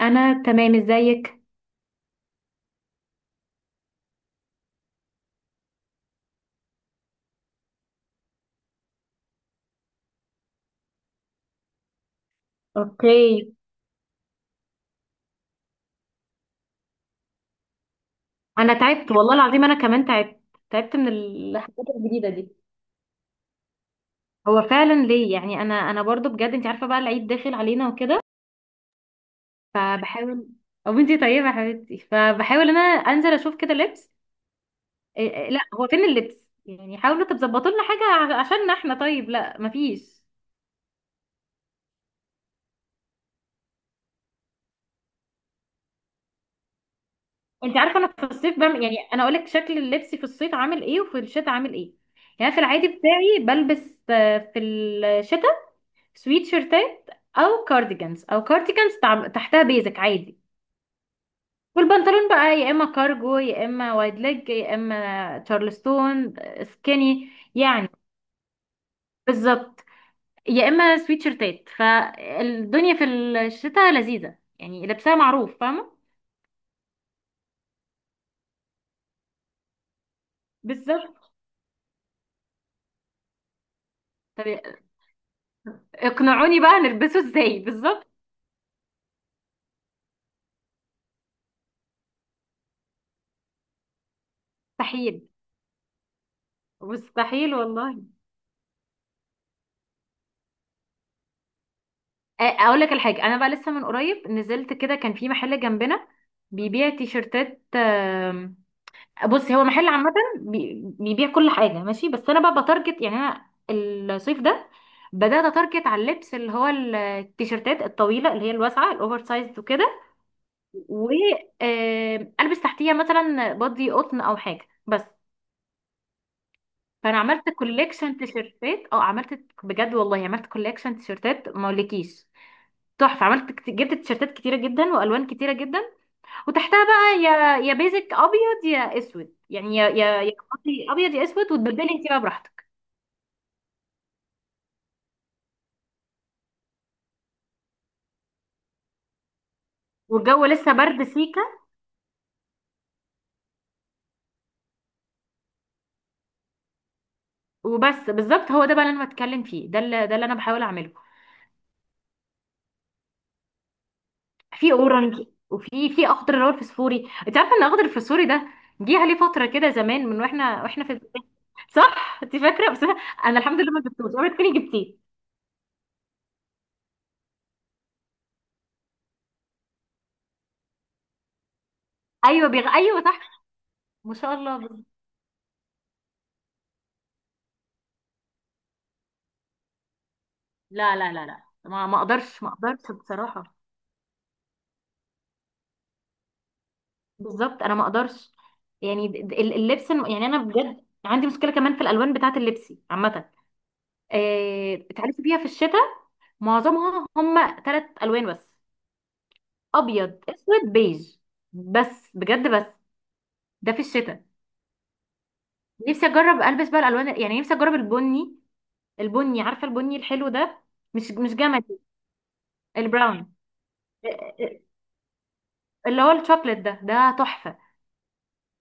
انا تمام، ازيك؟ اوكي. انا تعبت والله العظيم، انا كمان تعبت. تعبت من الحاجات الجديده دي. هو فعلا ليه يعني انا برضو بجد، انت عارفه بقى العيد داخل علينا وكده. فبحاول. او انت طيبه يا حبيبتي، فبحاول انا انزل اشوف كده لبس. إيه إيه، لا هو فين اللبس؟ يعني حاولوا تظبطوا لنا حاجه عشان احنا. طيب، لا مفيش. انت عارفه انا في الصيف بعمل، يعني انا اقول لك شكل اللبس في الصيف عامل ايه وفي الشتاء عامل ايه. يعني في العادي بتاعي بلبس في الشتاء سويت شيرتات او كارديجانز تحتها بيزك عادي. والبنطلون بقى يا اما كارجو يا اما وايد ليج يا اما تشارلستون سكيني. يعني بالظبط، يا اما سويت شيرتات. فالدنيا في الشتاء لذيذة، يعني لبسها معروف، فاهمة. بالظبط. طب اقنعوني بقى نلبسه ازاي بالظبط؟ مستحيل. مستحيل والله. اقول لك الحاجة، انا بقى لسه من قريب نزلت كده، كان في محل جنبنا بيبيع تيشرتات. بصي، هو محل عامة بيبيع كل حاجة ماشي، بس أنا بقى بتارجت يعني. أنا الصيف ده بدأت أتارجت على اللبس اللي هو التيشيرتات الطويلة، اللي هي الواسعة الأوفر سايز وكده. وألبس تحتيها مثلا بادي قطن أو حاجة بس. فأنا عملت كوليكشن تيشيرتات، أه عملت بجد والله. عملت كوليكشن تيشيرتات ما أقولكيش، تحفة. جبت تيشيرتات كتيرة جدا وألوان كتيرة جدا. وتحتها بقى يا بيزك ابيض يا اسود، يعني يا يا يا قصدي ابيض يا اسود، وتبدلي انت بقى براحتك. والجو لسه برد سيكا. وبس بالظبط، هو ده بقى اللي انا بتكلم فيه، ده اللي انا بحاول اعمله. في اورنج وفي اخضر اللي هو الفسفوري. انت عارفه ان الاخضر الفسفوري ده جه عليه فتره كده زمان من واحنا في البداية. صح، انت فاكره؟ بس انا الحمد لله ما جبتوش، اوعي تكوني جبتيه. ايوه صح، ما شاء الله. لا لا لا لا، ما اقدرش، ما اقدرش بصراحه. بالظبط، انا ما اقدرش. يعني اللبس يعني انا بجد عندي مشكله كمان في الالوان بتاعه اللبس عامه. بتعرفي فيها في الشتاء معظمها هم ثلاث الوان بس. ابيض، اسود، بيج. بس بجد بس. ده في الشتاء. نفسي اجرب البس بقى الالوان، يعني نفسي اجرب البني. البني، عارفه البني الحلو ده، مش جمدي. البراون. آه، آه، اللي هو الشوكليت ده ده تحفه.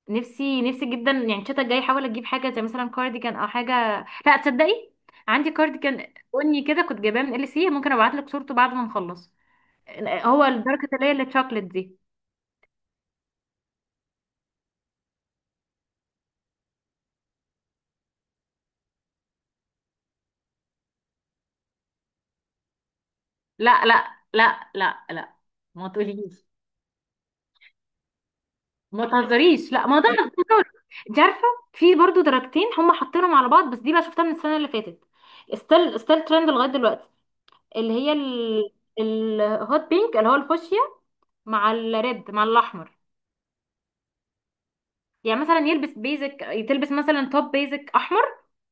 نفسي نفسي جدا يعني، الشتا الجاي احاول اجيب حاجه زي مثلا كارديجان او حاجه، لا تصدقي. عندي كارديجان بني كده كنت جايباه من ال سي، ممكن ابعت لك صورته بعد ما نخلص. هو الدرجه اللي هي التشوكلت دي. لا لا لا لا لا، ما تقوليش. ما تهزريش، لا، ما ده أنا بهزر. انت عارفه في برضو درجتين هم حاطينهم على بعض، بس دي بقى شفتها من السنه اللي فاتت. ستيل، ستيل ترند لغايه دلوقتي. اللي هي الهوت بينك اللي هو الفوشيا، مع الريد، مع الاحمر. يعني مثلا يلبس بيزك، تلبس مثلا توب بيزك احمر،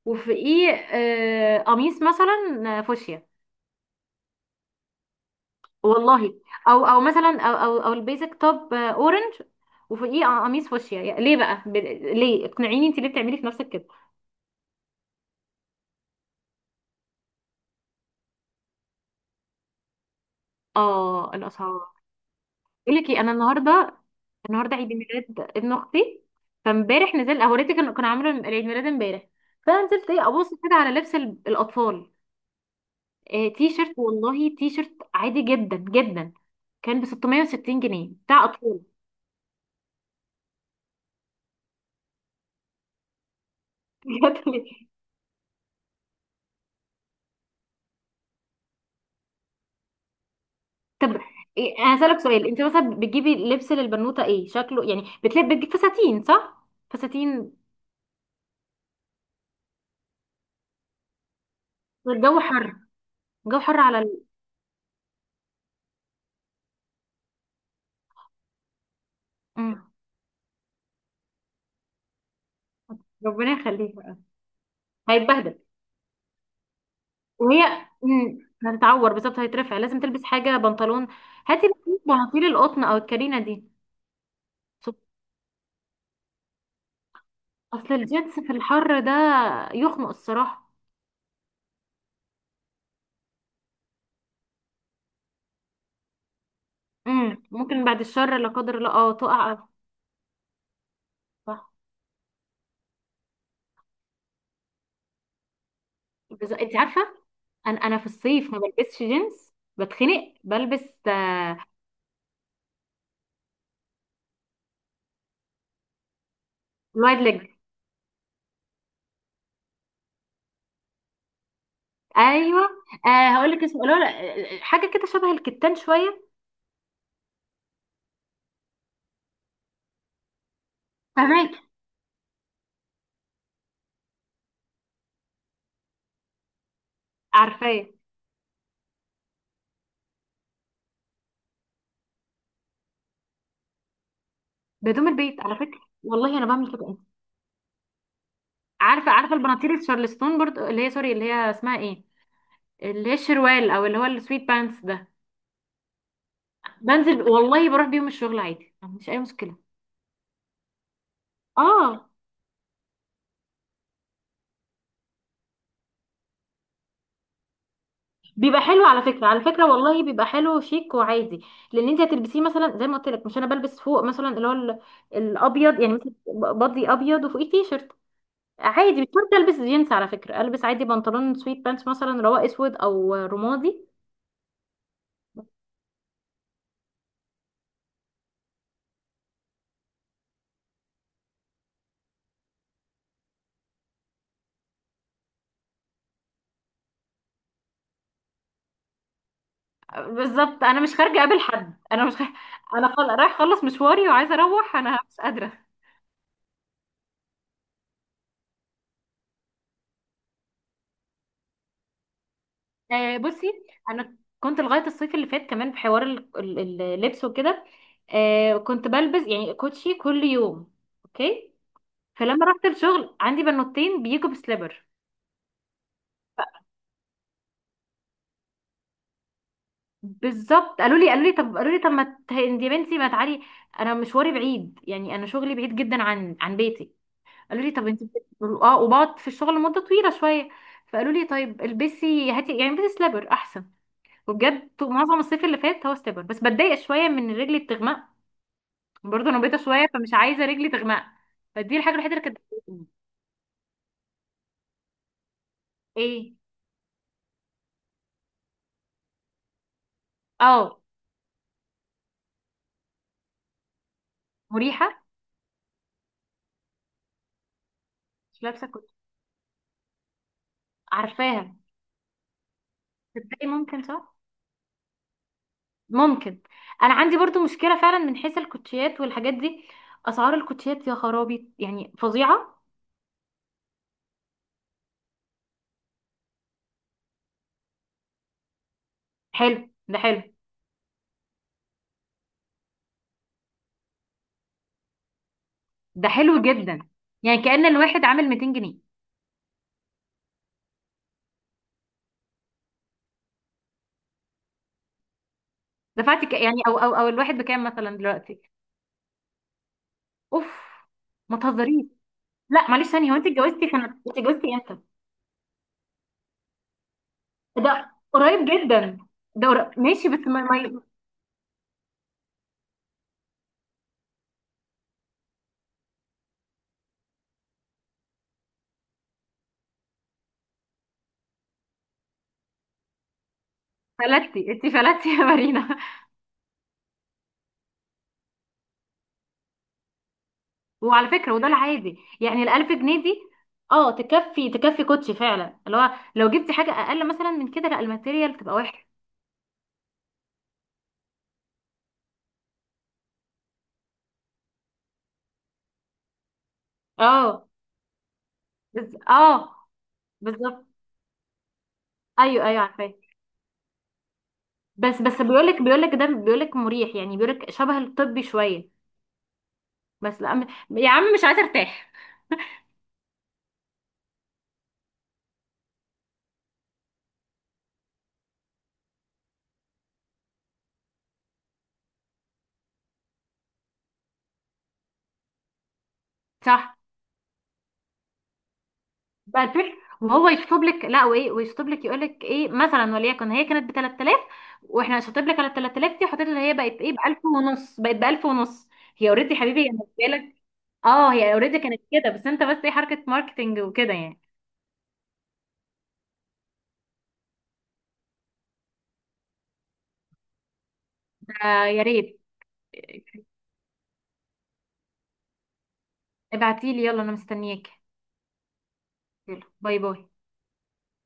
وفوقيه قميص مثلا فوشيا. والله. او مثلا، او البيزك توب اورنج، وفوقيه قميص فوشيا. يعني ليه بقى ليه؟ اقنعيني، انت ليه بتعملي في نفسك كده؟ اه الاسعار. بقول لك ايه، انا النهارده، النهارده عيد ميلاد ابن اختي. فامبارح نزلت هوريتك، كان عامله عيد ميلاد امبارح. فنزلت ايه ابص كده على لبس الاطفال. تي شيرت والله، تي شيرت عادي جدا جدا، كان ب 660 جنيه بتاع اطفال. بجد. طب إيه، انا هسألك سؤال. انت مثلا بتجيبي لبس للبنوتة ايه شكله؟ يعني بتلبس، بتجيب فساتين صح، فساتين. الجو حر. الجو حر على ال... مم. ربنا يخليك بقى. هيتبهدل. وهي هتتعور بالظبط، هيترفع، لازم تلبس حاجة بنطلون. هاتي بقى بناطيل القطن او الكارينا دي. سب- اصل الجينز في الحر ده يخنق الصراحة. ممكن بعد الشر لا قدر الله، اه تقع. صح. بس انت عارفه، انا في الصيف ما بلبسش جينز، بتخنق. بلبس الوايد ليج. ايوه. آه هقول لك اسمه، لا، لا حاجه كده شبه الكتان شويه. فهماك. عارفاه. بهدوم البيت، على فكره والله انا بعمل كده. عارفه عارفه البناطيل الشارلستون برضو، اللي هي سوري اللي هي اسمها ايه، اللي هي الشروال او اللي هو السويت بانس ده. بنزل والله بروح بيهم الشغل عادي، مش اي مشكله. اه بيبقى حلو على فكره، على فكره والله بيبقى حلو شيك وعادي. لان انت هتلبسيه مثلا زي ما قلت لك، مش انا بلبس فوق مثلا اللي هو الابيض يعني مثلا، بادي ابيض وفوقيه تي شيرت. عادي مش شرط البس جينز، على فكره البس عادي بنطلون سويت بانس مثلا اللي هو اسود او رمادي. بالظبط انا مش خارجه اقابل حد، انا مش خارجة. انا رايح اخلص مشواري وعايزه اروح، انا مش قادره. آه بصي، انا كنت لغايه الصيف اللي فات كمان في حوار اللبس وكده. آه كنت بلبس يعني كوتشي كل يوم. اوكي. فلما رحت الشغل عندي بنوتين بيجوا بسليبر. بالظبط، قالوا لي طب ما انت يا بنتي ما تعالي. انا مشواري بعيد يعني، انا شغلي بعيد جدا عن بيتي. قالوا لي طب انت اه، وبقعد في الشغل مده طويله شويه. فقالوا لي طيب البسي، هاتي يعني البسي سليبر احسن. وبجد معظم الصيف اللي فات هو سليبر بس. بتضايق شويه من إن رجلي بتغمق. برضه انا بيضه شويه فمش عايزه رجلي تغمق. فدي الحاجه الوحيده اللي كانت بتضايقني. ايه. اه. مريحه. مش لابسه كنت، عارفاها. تبدأي ممكن، صح. ممكن. انا عندي برضو مشكله فعلا من حيث الكوتشيات والحاجات دي. اسعار الكوتشيات يا خرابي، يعني فظيعه. حلو. ده حلو جدا. يعني كأن الواحد عامل 200 جنيه. دفعتي يعني، او الواحد بكام مثلا دلوقتي؟ اوف. ما تهزريش. لا معلش ثانيه، هو انت اتجوزتي سنه؟ انت اتجوزتي امتى؟ ده قريب جدا. ده قريب. ماشي بس ما فلتي انت، فلتي يا مارينا. وعلى فكرة، وده العادي يعني الألف جنيه دي. اه تكفي، تكفي كوتشي فعلا، اللي هو لو جبتي حاجة أقل مثلا من كده، لا الماتيريال بتبقى وحشة. اه. اه. بالظبط. ايوه ايوه، عارفاه. بس بيقولك ده بيقولك مريح، يعني بيقولك شبه الطبي شوية. بس لا يا عم مش عايزة ارتاح. صح بقى الفكرة. وهو يشطب لك، لا وايه، ويشطب لك يقول لك ايه مثلا، وليكن هي كانت ب 3000، واحنا شطب لك على ال 3000 دي حطيت، اللي هي بقت ايه، ب 1000 ونص، بقت ب 1000 ونص. هي اوريدي حبيبي. هي اه هي اوريدي كانت كده، بس انت بس ايه حركة ماركتينج وكده يعني. آه يا ريت. ابعتيلي يلا، انا مستنياك. يلا باي باي.